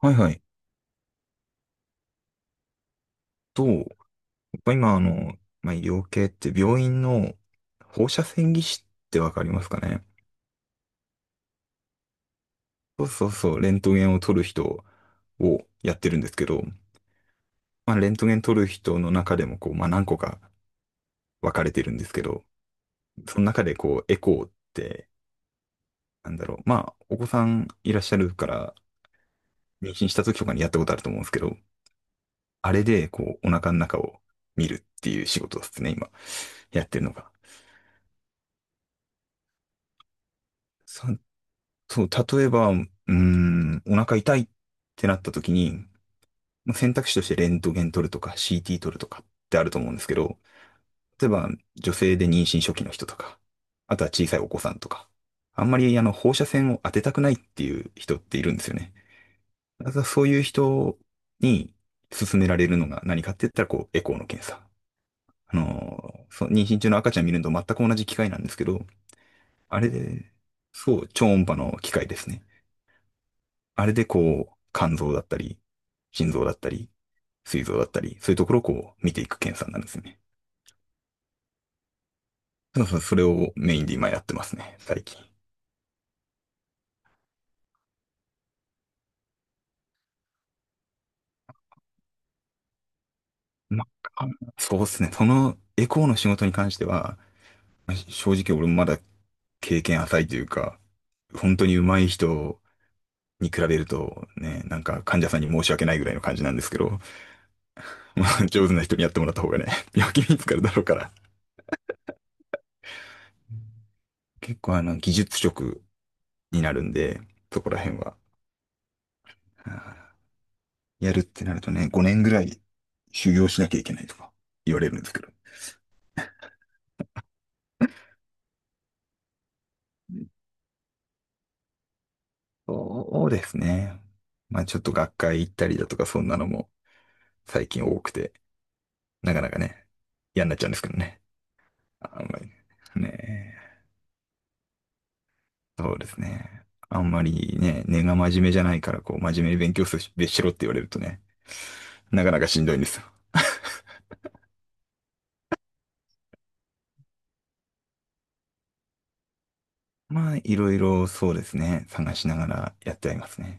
はいはい。と、やっぱ今、まあ、医療系って病院の放射線技師ってわかりますかね？そうそうそう、レントゲンを撮る人をやってるんですけど、まあ、レントゲン撮る人の中でも、こう、まあ、何個か分かれてるんですけど、その中で、こう、エコーって、なんだろう、まあ、お子さんいらっしゃるから、妊娠した時とかにやったことあると思うんですけど、あれで、こう、お腹の中を見るっていう仕事ですね、今、やってるのが。そそう、例えば、お腹痛いってなった時に、まあ選択肢としてレントゲン取るとか CT 取るとかってあると思うんですけど、例えば女性で妊娠初期の人とか、あとは小さいお子さんとか、あんまりあの放射線を当てたくないっていう人っているんですよね。だからそういう人に勧められるのが何かって言ったらこうエコーの検査。そう、妊娠中の赤ちゃん見るのと全く同じ機械なんですけど、あれで、そう、超音波の機械ですね。あれでこう、肝臓だったり、心臓だったり、膵臓だったり、そういうところをこう、見ていく検査になるんですよね。そうそう、それをメインで今やってますね、最近。まあ、そうですね。そのエコーの仕事に関しては、まあ正直俺もまだ経験浅いというか、本当に上手い人に比べるとね、なんか患者さんに申し訳ないぐらいの感じなんですけど、まあ、上手な人にやってもらった方がね、病気見つかるだろうから。結構あの、技術職になるんで、そこら辺は。やるってなるとね、5年ぐらい修行しなきゃいけないとか言われるんですけど。そうですね。まあちょっと学会行ったりだとかそんなのも最近多くて、なかなかね、嫌になっちゃうんですけどね。あんまりね。そうですね。あんまりね、根が真面目じゃないから、こう、真面目に勉強すべしろって言われるとね、なかなかしんどいんですよ。まあ、いろいろそうですね、探しながらやってはいますね。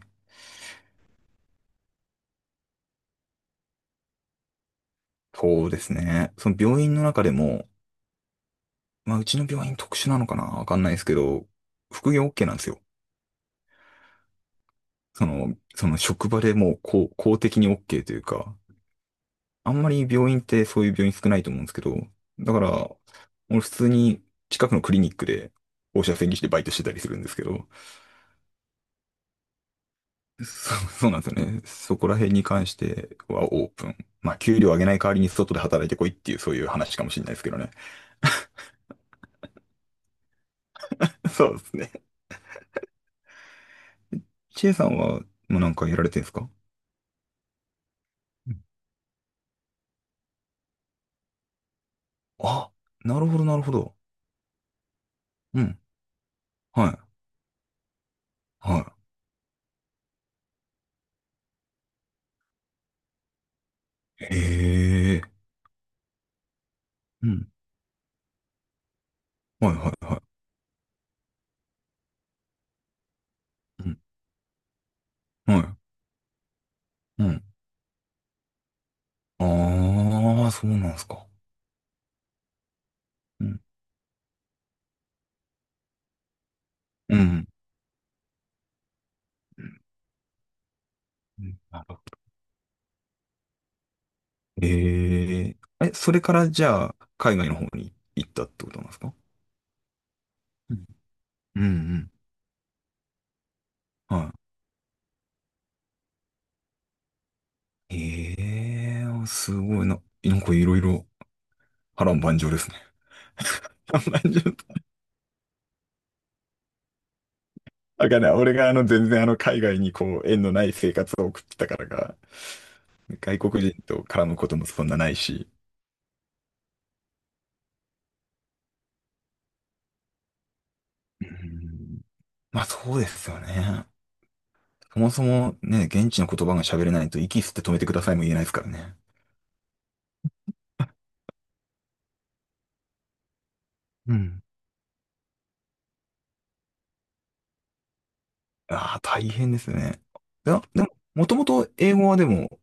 そうですね。その病院の中でも、まあ、うちの病院特殊なのかなわかんないですけど、副業 OK なんですよ。その、その職場でもう公、公的に OK というか、あんまり病院ってそういう病院少ないと思うんですけど、だから、俺普通に近くのクリニックで放射線技師でバイトしてたりするんですけど、そ、そうなんですよね。そこら辺に関してはオープン。まあ、給料上げない代わりに外で働いてこいっていうそういう話かもしれないですけどね。そうですね。チェさんは、もうなんかやられてるんですか？うん、あ、なるほど、なるほど。うん。はい。はい。へえ。うん。はいはいはい。うん。はい。うん。ああ、そうなんすか。うん。うん。うん、なるほど。へえ。え、それからじゃあ、海外の方に行ったってことなんですか？うん。うんうん、はい。へえ、すごいな。なんかいろいろ波乱万丈ですね。波乱万丈。わかんない。俺があの全然あの海外にこう縁のない生活を送ってたからか、外国人と絡むこともそんなないし、うん。まあそうですよね。そもそもね、現地の言葉が喋れないと息吸って止めてくださいも言えないですからね。うん。ああ、大変ですね。いや、でも、もともと英語はでも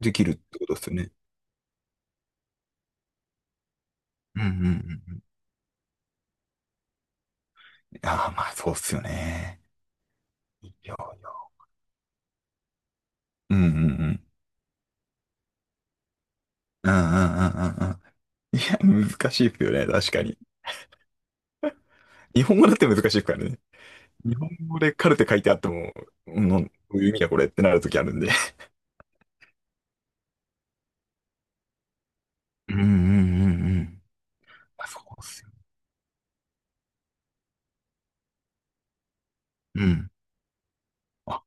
できるってことですよね。うんうんうんうん。ああ、まあそうっすよね。いやいや、うんうんうん。うんうんうんうんうん。いや、難しいっすよね、確かに。日本語だって難しいっすからね。日本語でカルテ書いてあっても、うん、どういう意味だこれってなるときあるんで。うんうんうんうん。まあ、そうっすよね。うん。あ、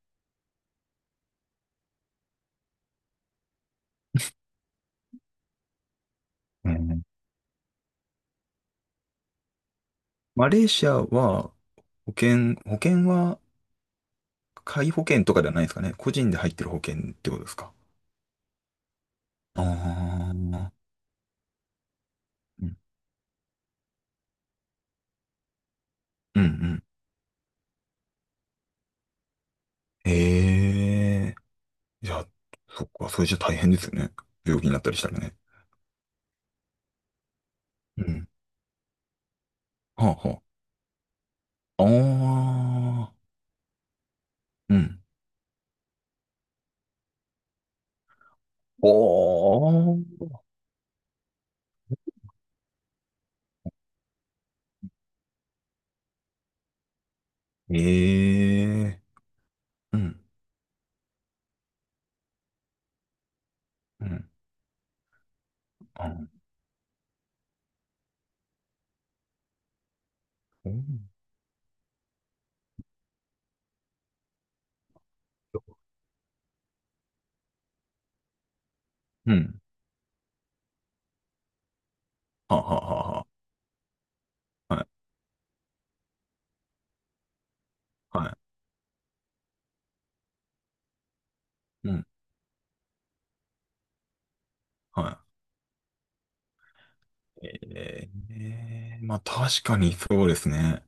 うん。マレーシアは、保険、保険は、皆保険とかではないですかね。個人で入ってる保険ってことですか。ああ、うん、うん。うん、へえ。じゃあ、そっか、それじゃ大変ですよね。病気になったりしたらね。うん。はあ、はあ。ああ。うん。おー。ええ。うん。うん。あ、うん。うん、はあ、はあ、はあ。はあ、はい。はい。うん。はい。ええ、まあ確かにそうですね。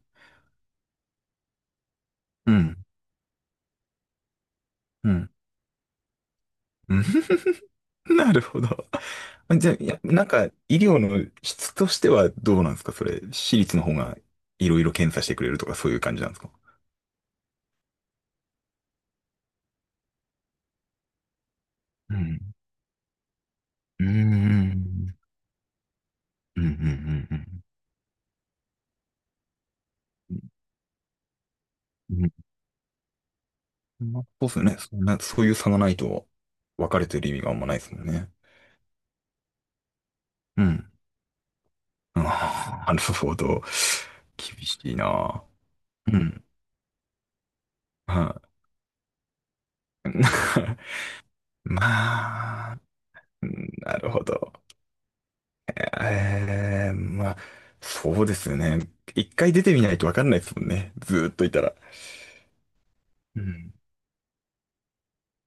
うん、うん。うん。 なるほど。じゃあ、いやなんか、医療の質としてはどうなんですか、それ、私立の方がいろいろ検査してくれるとかそういう感じなんですか？うん。うん。うん、うん、うん、うん。うん、まあ、そうですよね。そんな、そういう差がないと、分かれてる意味があんまないですもんね。うん。あーなるほど。厳しいな。うん。はい。まあ、なるほど。ええ、まあ、そうですよね。一回出てみないとわかんないですもんね。ずーっといたら。うん。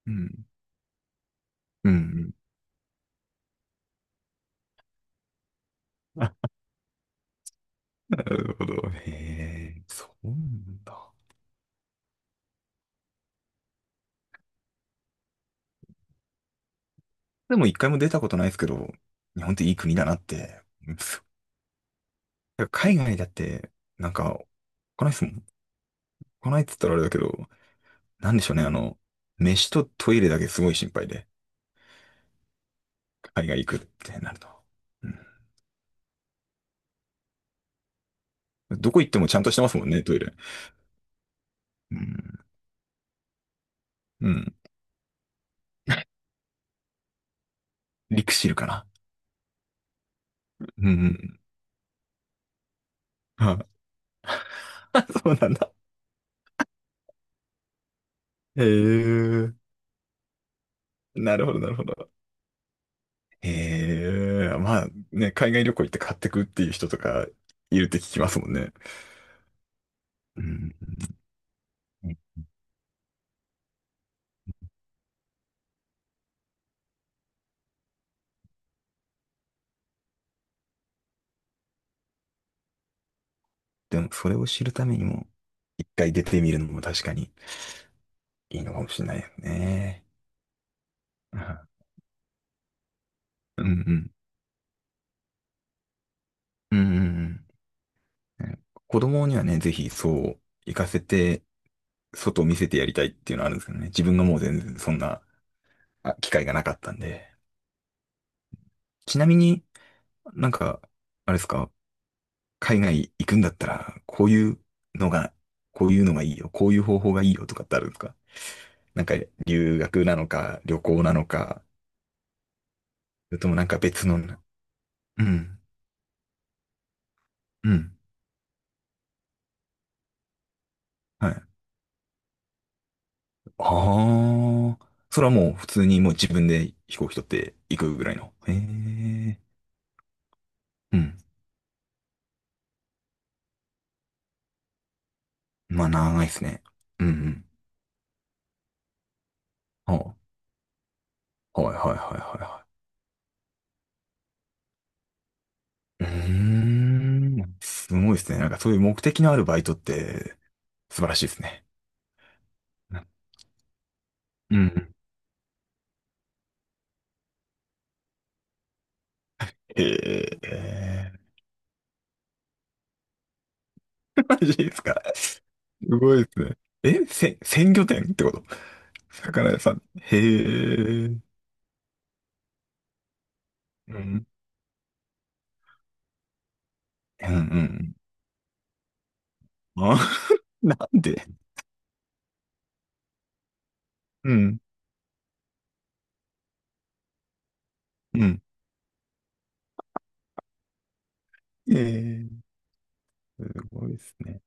うん。うん。なるほど。へえ、そうなんだ。でも一回も出たことないですけど、日本っていい国だなって。うん。海外だって、なんか、来ないですもん。来ないっつったらあれだけど、なんでしょうね。あの、飯とトイレだけすごい心配で、海外行くってなると。うん。どこ行ってもちゃんとしてますもんね、トイレ。うんうん。リクシルかな。うん。あ、そうなんだ。へえ。なるほど、なるほど。へえ。まあね、海外旅行行って買ってくっていう人とかいるって聞きますもんね。うん。でも、それを知るためにも、一回出てみるのも確かにいいのかもしれないよね。うんうん。うんうんうん。子供にはね、ぜひそう、行かせて、外を見せてやりたいっていうのはあるんですけどね。自分がもう全然そんな、機会がなかったんで。ちなみに、なんか、あれですか、海外行くんだったら、こういうのが、こういうのがいいよ、こういう方法がいいよとかってあるんですか？なんか、留学なのか、旅行なのか、それともなんか別のな、うん、うん、はい。ああ、それはもう普通にもう自分で飛行機取って行くぐらいの。へえ、うん。まあ長いですね。うん、うん。はあ、はいはいはいはいはい。うーん、すごいですね。なんかそういう目的のあるバイトって素晴らしいですね。うん。へえ、マジですか。すごいですね。鮮魚店ってこと？魚屋さん。へえ、うん、うん、うん。あ、なんで。うん。うん。ええ、すごいですね。